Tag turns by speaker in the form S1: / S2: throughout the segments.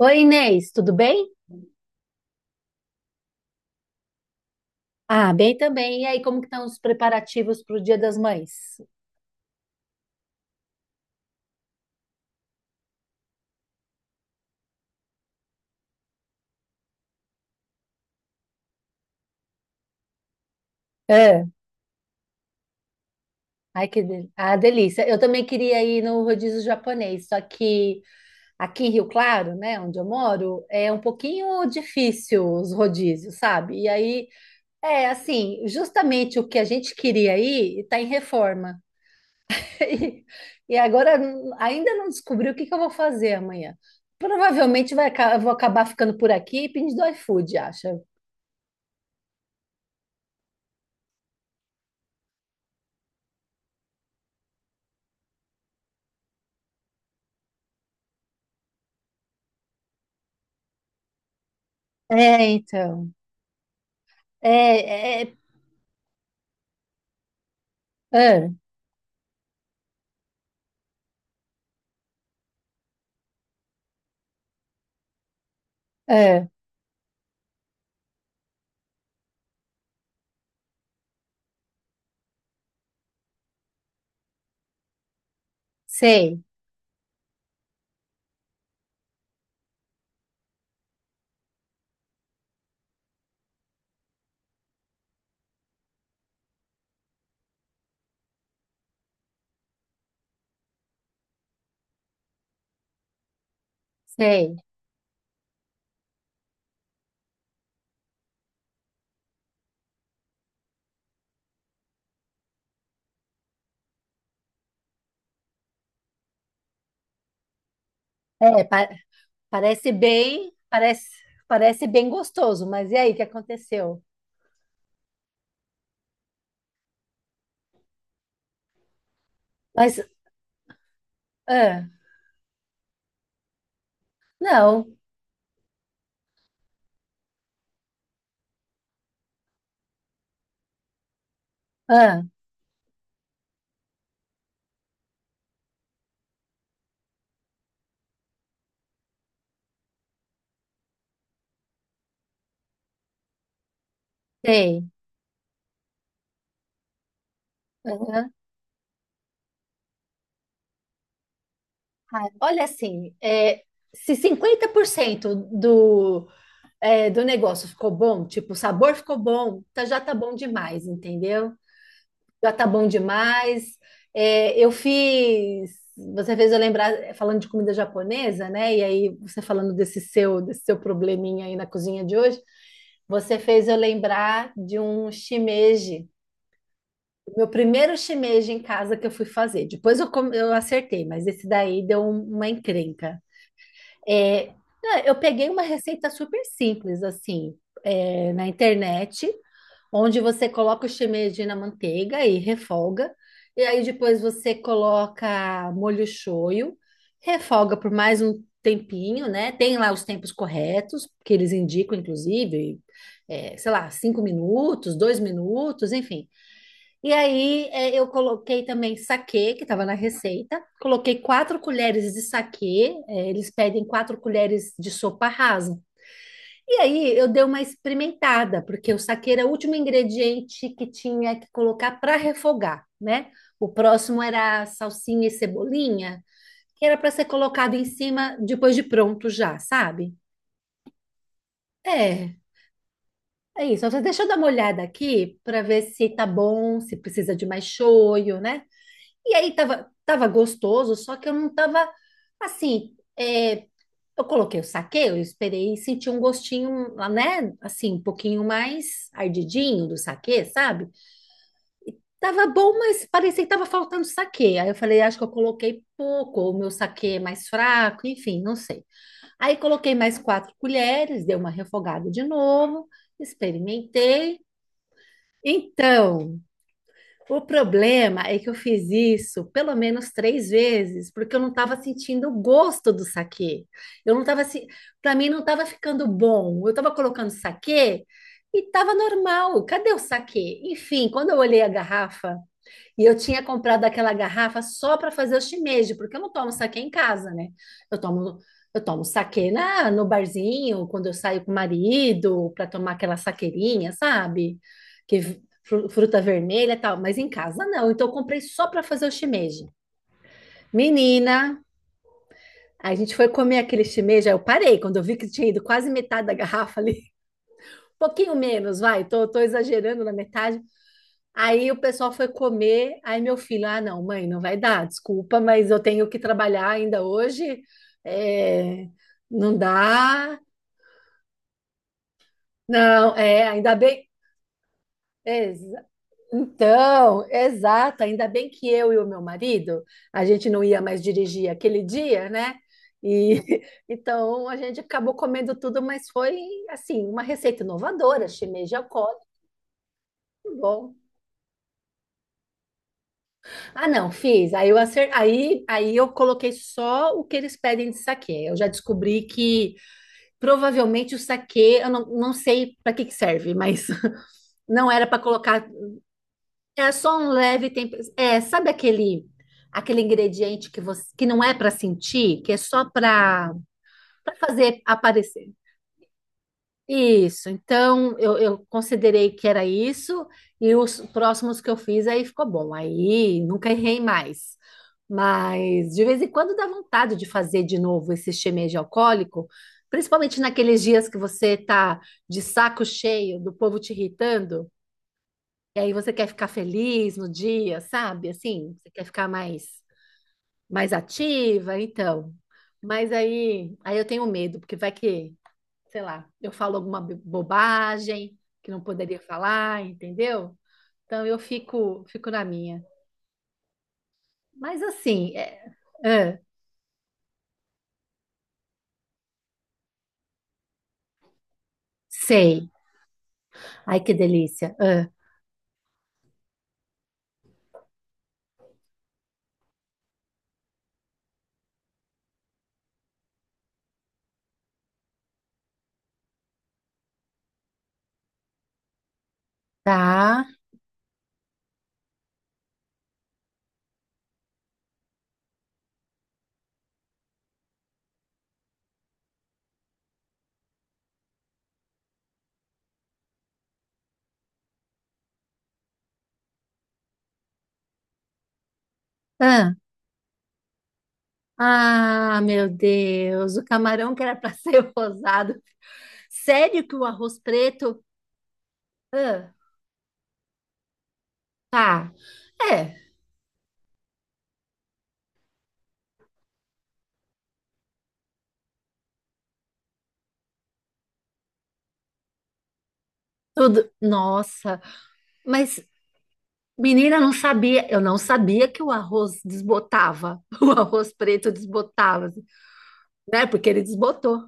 S1: Oi, Inês, tudo bem? Ah, bem também. E aí, como que estão os preparativos para o Dia das Mães? É. Ai, que ah, delícia. Eu também queria ir no rodízio japonês, só que aqui em Rio Claro, né, onde eu moro, é um pouquinho difícil os rodízios, sabe? E aí, é assim, justamente o que a gente queria ir está em reforma. E e agora ainda não descobri o que que eu vou fazer amanhã. Provavelmente eu vou acabar ficando por aqui e pedindo iFood, acho. É, então. É, é, é, é, sei, sei. É, parece bem, parece, parece bem gostoso, mas e aí, o que aconteceu? Mas, ah, não, ah, sei. Aham. Ah, olha assim, se 50% do negócio ficou bom, tipo, o sabor ficou bom, tá, já tá bom demais, entendeu? Já tá bom demais. É, eu fiz. Você fez eu lembrar, falando de comida japonesa, né? E aí, você falando desse seu probleminha aí na cozinha de hoje, você fez eu lembrar de um shimeji. O meu primeiro shimeji em casa que eu fui fazer. Depois eu acertei, mas esse daí deu uma encrenca. É, não, eu peguei uma receita super simples, assim, na internet onde você coloca o shimeji na manteiga e refoga, e aí depois você coloca molho shoyu, refoga por mais um tempinho, né? Tem lá os tempos corretos, que eles indicam, inclusive, sei lá, 5 minutos, 2 minutos, enfim. E aí eu coloquei também saquê, que estava na receita, coloquei quatro colheres de saquê, eles pedem 4 colheres de sopa rasa, e aí eu dei uma experimentada, porque o saquê era o último ingrediente que tinha que colocar para refogar, né? O próximo era a salsinha e cebolinha, que era para ser colocado em cima depois de pronto já, sabe? É, é isso. Deixa eu dar uma olhada aqui para ver se tá bom, se precisa de mais shoyu, né? E aí tava gostoso, só que eu não tava assim. Eu coloquei o saquê, eu esperei e senti um gostinho, né? Assim, um pouquinho mais ardidinho do saquê, sabe? Tava bom, mas parecia que tava faltando saquê. Aí eu falei, acho que eu coloquei pouco, ou o meu saquê é mais fraco, enfim, não sei. Aí coloquei mais 4 colheres, dei uma refogada de novo, experimentei. Então, o problema é que eu fiz isso pelo menos três vezes, porque eu não estava sentindo o gosto do saquê. Eu não estava se... para mim não estava ficando bom. Eu estava colocando saquê e estava normal. Cadê o saquê? Enfim, quando eu olhei a garrafa, e eu tinha comprado aquela garrafa só para fazer o shimeji, porque eu não tomo saquê em casa, né? Eu tomo, eu tomo saquê no barzinho, quando eu saio com o marido, para tomar aquela saqueirinha, sabe? Que fruta vermelha e tal, mas em casa não. Então eu comprei só para fazer o shimeji. Menina, a gente foi comer aquele shimeji, aí eu parei quando eu vi que tinha ido quase metade da garrafa ali. Um pouquinho menos, vai, tô exagerando na metade. Aí o pessoal foi comer, aí meu filho, ah, não, mãe, não vai dar, desculpa, mas eu tenho que trabalhar ainda hoje, é, não dá, não, é, ainda bem, exa- então, exato, ainda bem que eu e o meu marido, a gente não ia mais dirigir aquele dia, né? E então a gente acabou comendo tudo, mas foi assim, uma receita inovadora, shimeji alcoólico, bom. Ah, não, fiz. Aí eu coloquei só o que eles pedem de saquê. Eu já descobri que provavelmente o saquê, eu não sei para que que serve, mas não era para colocar. É só um leve tempero. É, sabe aquele ingrediente que você que não é para sentir, que é só para fazer aparecer. Isso, então eu considerei que era isso, e os próximos que eu fiz aí ficou bom, aí nunca errei mais. Mas de vez em quando dá vontade de fazer de novo esse shimeji alcoólico, principalmente naqueles dias que você tá de saco cheio do povo te irritando, e aí você quer ficar feliz no dia, sabe? Assim, você quer ficar mais ativa, então. Mas aí eu tenho medo, porque vai que sei lá, eu falo alguma bobagem que não poderia falar, entendeu? Então eu fico na minha. Mas assim, ah, sei. Ai, que delícia. Ah, tá. Ah, ah, meu Deus, o camarão que era para ser rosado. Sério que o arroz preto? Ah, tá. É, tudo. Nossa, mas menina, eu não sabia. Eu não sabia que o arroz desbotava. O arroz preto desbotava, assim. Né? Porque ele desbotou.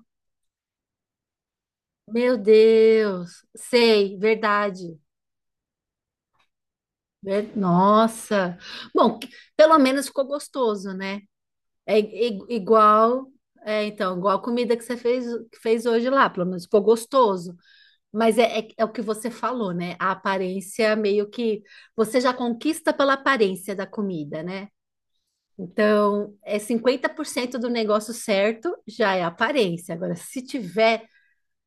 S1: Meu Deus, sei, verdade. Nossa. Bom, pelo menos ficou gostoso, né? É i- igual, é igual a comida que que fez hoje lá, pelo menos ficou gostoso. Mas é o que você falou, né? A aparência meio que você já conquista pela aparência da comida, né? Então, é 50% do negócio certo já é aparência. Agora, se tiver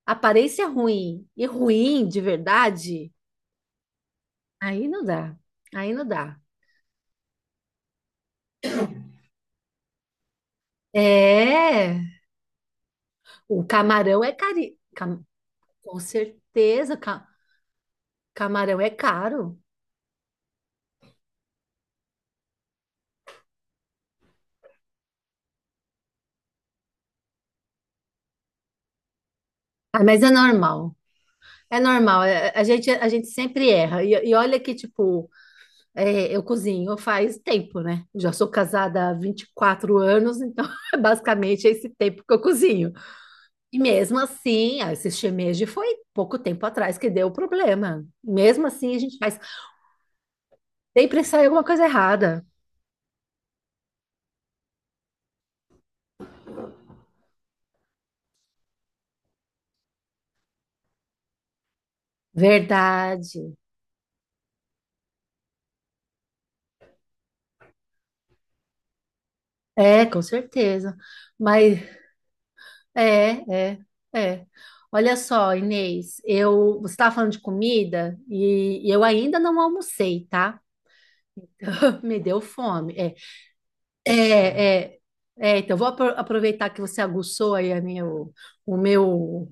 S1: aparência ruim e ruim de verdade, aí não dá. Aí não dá. É, o camarão é. Com certeza, camarão é caro. Ah, mas é normal. É normal. A gente sempre erra. E olha que, tipo, eu cozinho faz tempo, né? Já sou casada há 24 anos, então basicamente esse tempo que eu cozinho. E mesmo assim, ah, esse shimeji foi pouco tempo atrás que deu o problema. Mesmo assim, a gente faz. Sempre sai alguma coisa errada. Verdade. É, com certeza. Mas é, é, é. Olha só, Inês, você estava falando de comida e eu ainda não almocei, tá? Me deu fome. É, é, então vou aproveitar que você aguçou aí a minha, o meu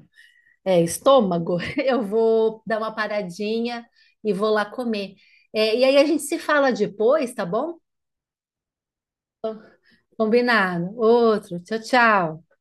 S1: estômago. Eu vou dar uma paradinha e vou lá comer. É, e aí a gente se fala depois, tá bom? Combinado. Outro. Tchau, tchau.